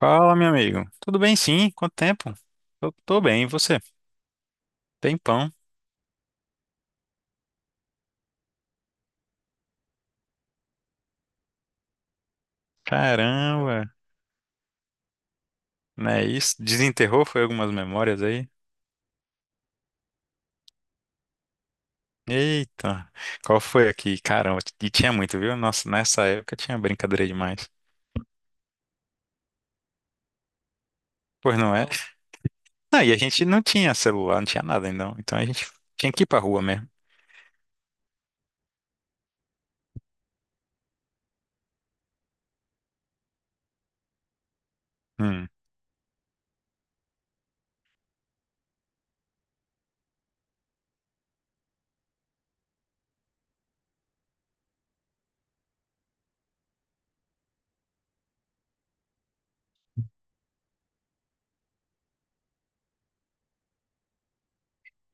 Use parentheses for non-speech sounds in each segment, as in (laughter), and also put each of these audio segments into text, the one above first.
Fala, meu amigo. Tudo bem, sim? Quanto tempo? Eu tô bem, e você? Tempão. Caramba, né? Isso desenterrou foi algumas memórias aí. Eita, qual foi aqui? Caramba, e tinha muito, viu? Nossa, nessa época tinha brincadeira demais. Pois não é? Não, e a gente não tinha celular, não tinha nada então. Então a gente tinha que ir pra rua mesmo. Hum.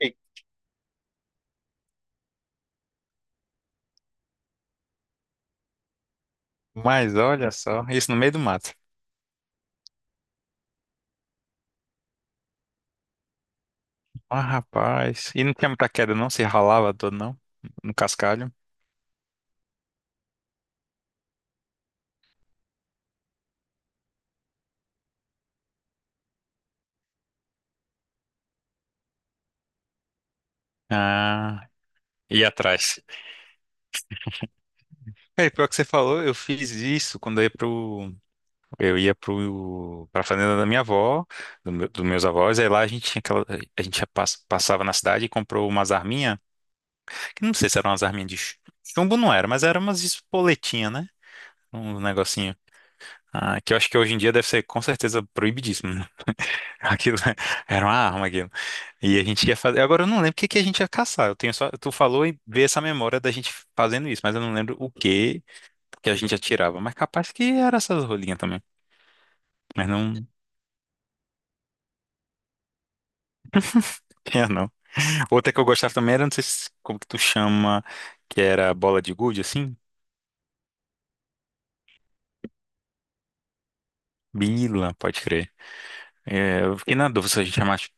E- Mas olha só, isso no meio do mato. Ah, rapaz. E não tinha muita queda, não? Se ralava todo, não? No cascalho? Ah, ia atrás. É, pior que você falou, eu fiz isso quando eu ia pro, pra fazenda dos meus avós, aí lá a gente tinha aquela, a gente ia passava na cidade e comprou umas arminhas, que não sei se eram umas arminhas de chumbo, não era, mas eram umas espoletinhas, né? Um negocinho. Ah, que eu acho que hoje em dia deve ser com certeza proibidíssimo, né? Aquilo (laughs) era uma arma, aquilo. E a gente ia fazer. Agora eu não lembro o que que a gente ia caçar. Eu tenho só. Tu falou e veio essa memória da gente fazendo isso, mas eu não lembro o que que a gente atirava. Mas capaz que era essas rolinhas também. Mas não (laughs) tinha, não. Outra que eu gostava também era, não sei se- como que tu chama, que era bola de gude, assim? Bila, pode crer. É, eu fiquei na dúvida se a gente chamasse.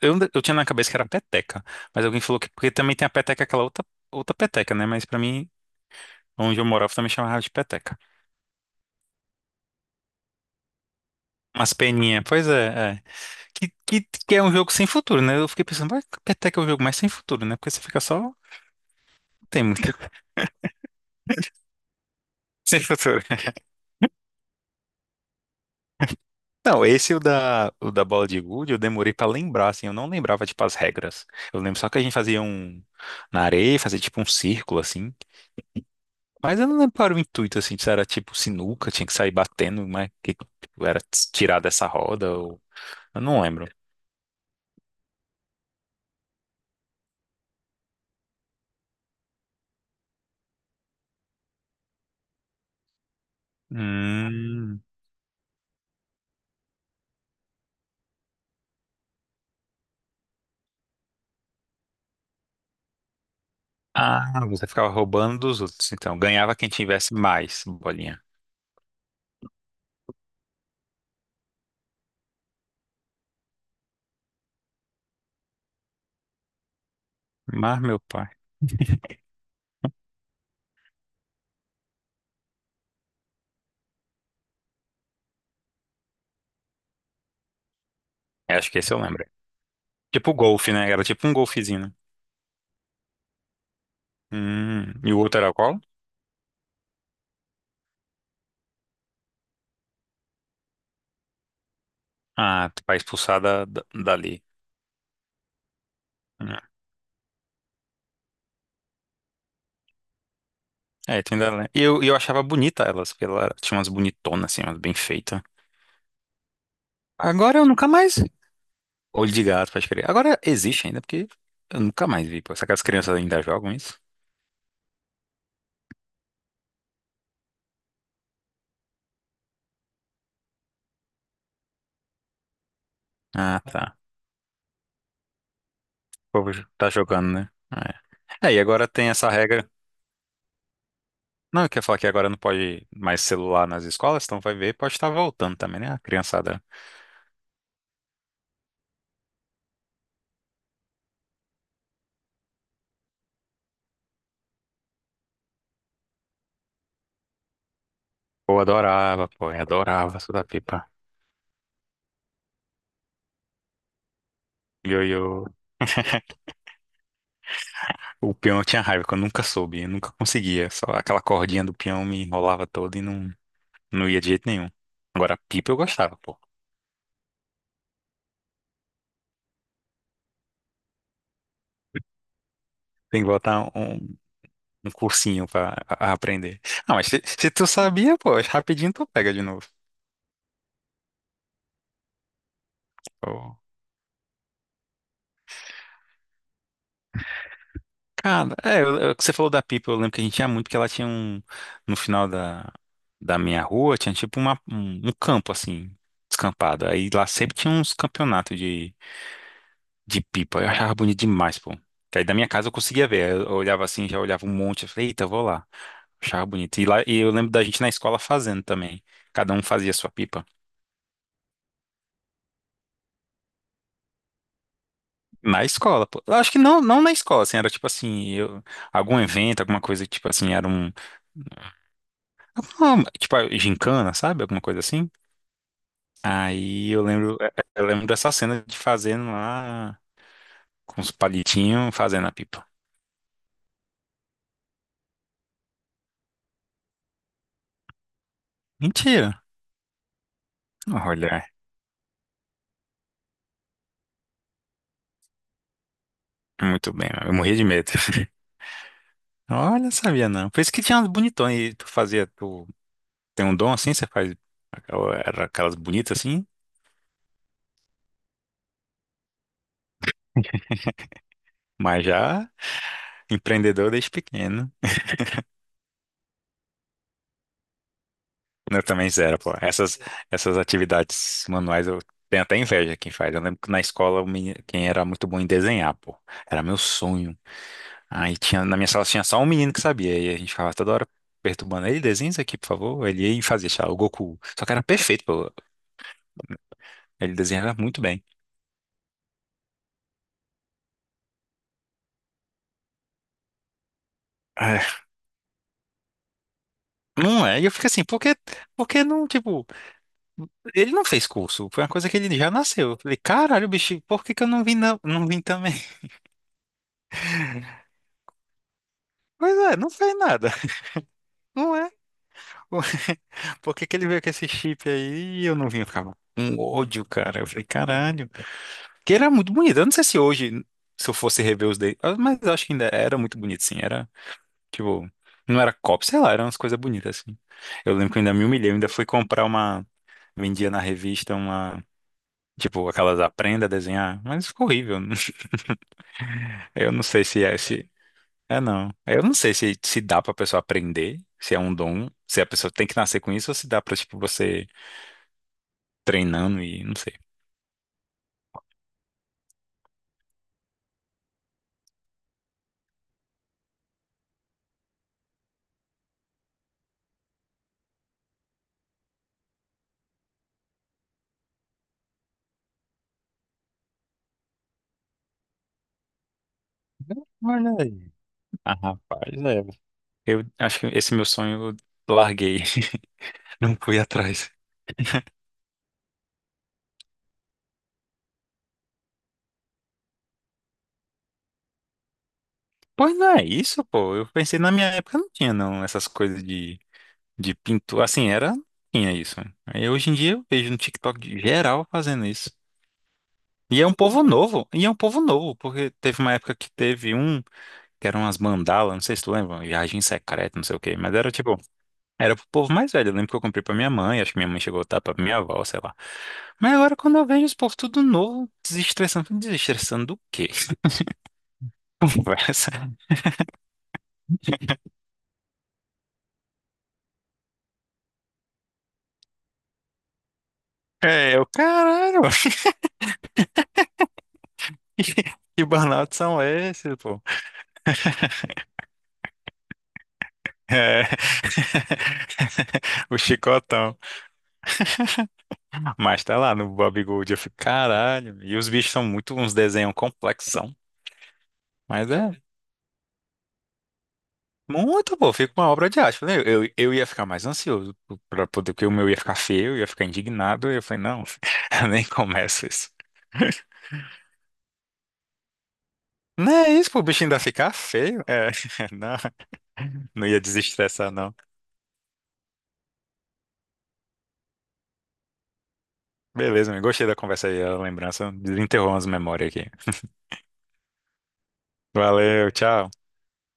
Eu tinha na cabeça que era peteca, mas alguém falou que. Porque também tem a peteca, aquela outra, outra peteca, né? Mas pra mim, onde eu morava, também chamava de peteca. Umas peninhas, pois é, é. Que é um jogo sem futuro, né? Eu fiquei pensando, vai, até que é um jogo mais sem futuro, né? Porque você fica só. Não tem muito. (laughs) Sem futuro. Não, esse o da bola de gude, eu demorei pra lembrar, assim, eu não lembrava, tipo, as regras. Eu lembro só que a gente fazia um. Na areia, fazia tipo um círculo, assim. Mas eu não lembro qual era o intuito, assim, se era tipo sinuca, tinha que sair batendo, mas que tipo, era tirar dessa roda, ou. Eu não lembro. Hum. Ah, você ficava roubando dos outros, então. Ganhava quem tivesse mais bolinha. Mas, meu pai. Eu acho que esse eu lembro. Tipo golfe, né? Era tipo um golfezinho, né? Hum. E o outro era qual? Ah, pra expulsar dali. Hum. É, tu ainda lembra. E eu achava bonita elas, porque ela tinha umas bonitonas, assim, umas bem feitas. Agora eu nunca mais. Olho de gato, pode crer. Agora existe ainda, porque eu nunca mais vi. Pô. Será que as crianças ainda jogam isso? Ah, tá. O povo tá jogando, né? É. É, e agora tem essa regra. Não, eu queria falar que agora não pode mais celular nas escolas, então vai ver, pode estar voltando também, né? A criançada. Pô, adorava, pô, eu adorava soltar pipa. Yo-yo. (laughs) O peão eu tinha raiva, que eu nunca soube, eu nunca conseguia. Só aquela cordinha do peão me enrolava toda e não, não ia de jeito nenhum. Agora, pipa eu gostava, pô. Tem que botar um, um cursinho pra aprender. Ah, mas se tu sabia, pô, rapidinho tu pega de novo. Pô. Cara, é, você falou da pipa, eu lembro que a gente tinha muito, que ela tinha um. No final da minha rua, tinha tipo um campo assim, descampado. Aí lá sempre tinha uns campeonatos de. De pipa. Eu achava bonito demais, pô. Que aí da minha casa eu conseguia ver. Eu olhava assim, já olhava um monte. Eu falei, eita, eu vou lá. Achava bonito. E lá, e eu lembro da gente na escola fazendo também. Cada um fazia a sua pipa. Na escola, pô. Eu acho que não, não na escola, assim, era tipo assim, eu, algum evento, alguma coisa, que, tipo assim, era um. Tipo, a gincana, sabe? Alguma coisa assim. Aí eu lembro, eu lembro dessa cena de fazendo lá com os palitinhos, fazendo a pipa. Mentira. Olha, é muito bem. Eu morria de medo. (laughs) Olha, sabia não. Por isso que tinha umas bonitões. E tu fazia, tu tem um dom assim, você faz era aquelas bonitas assim, mas já empreendedor desde pequeno. Eu também zero, pô. Essas atividades manuais eu tenho até inveja quem faz. Eu lembro que na escola o quem era muito bom em desenhar, pô. Era meu sonho. Aí tinha, na minha sala tinha só um menino que sabia. E a gente ficava toda hora perturbando ele, desenha isso aqui, por favor. Ele ia e fazia, sei lá, o Goku. Só que era perfeito, pô. Ele desenhava muito bem. Não é, e eu fico assim, por que não, tipo, ele não fez curso, foi uma coisa que ele já nasceu. Eu falei, caralho, bicho, por que que eu não vim, não, não vim também? (laughs) Pois é, não fez nada, não é? (laughs) Por que que ele veio com esse chip aí e eu não vim? Eu ficava um ódio, cara. Eu falei, caralho. Que era muito bonito, eu não sei se hoje, se eu fosse rever os dele, mas eu acho que ainda era muito bonito, sim, era, tipo, não era cópia, sei lá, eram umas coisas bonitas, assim. Eu lembro que eu ainda me humilhei, eu ainda fui comprar uma, vendia na revista uma. Tipo, aquelas aprenda a desenhar, mas ficou horrível. (laughs) Eu não sei se é se é não. Eu não sei se se dá pra pessoa aprender, se é um dom, se a pessoa tem que nascer com isso ou se dá pra tipo você treinando e não sei. Olha aí. Ah, rapaz, é. Eu acho que esse meu sonho eu larguei, (laughs) não fui atrás. Pois não é isso, pô. Eu pensei na minha época não tinha não essas coisas de pintura, assim, era tinha isso. Aí hoje em dia eu vejo no TikTok de geral fazendo isso. E é um povo novo, porque teve uma época que teve um, que eram umas mandalas, não sei se tu lembra, viagem secreta, não sei o quê, mas era tipo, era pro povo mais velho. Eu lembro que eu comprei pra minha mãe, acho que minha mãe chegou a dar pra minha avó, sei lá. Mas agora quando eu vejo esse povo tudo novo, desestressando, desestressando do quê? (laughs) Conversa. É, eu, caralho, (laughs) que que burnout são esses, pô? É. (laughs) O chicotão. Mas tá lá no Bob Gold, eu fico, caralho. E os bichos são muito uns desenhos complexos. Mas é muito bom, fica uma obra de arte, né? Eu ia ficar mais ansioso para poder, porque o meu ia ficar feio, eu ia ficar indignado. E eu falei, não, (laughs) eu nem começo isso. Não é isso, pô, o bichinho ainda ficar feio. É, (laughs) não, não ia desestressar, não. Beleza, amigo, gostei da conversa aí, a lembrança. Desenterrou umas memórias aqui. Valeu, tchau.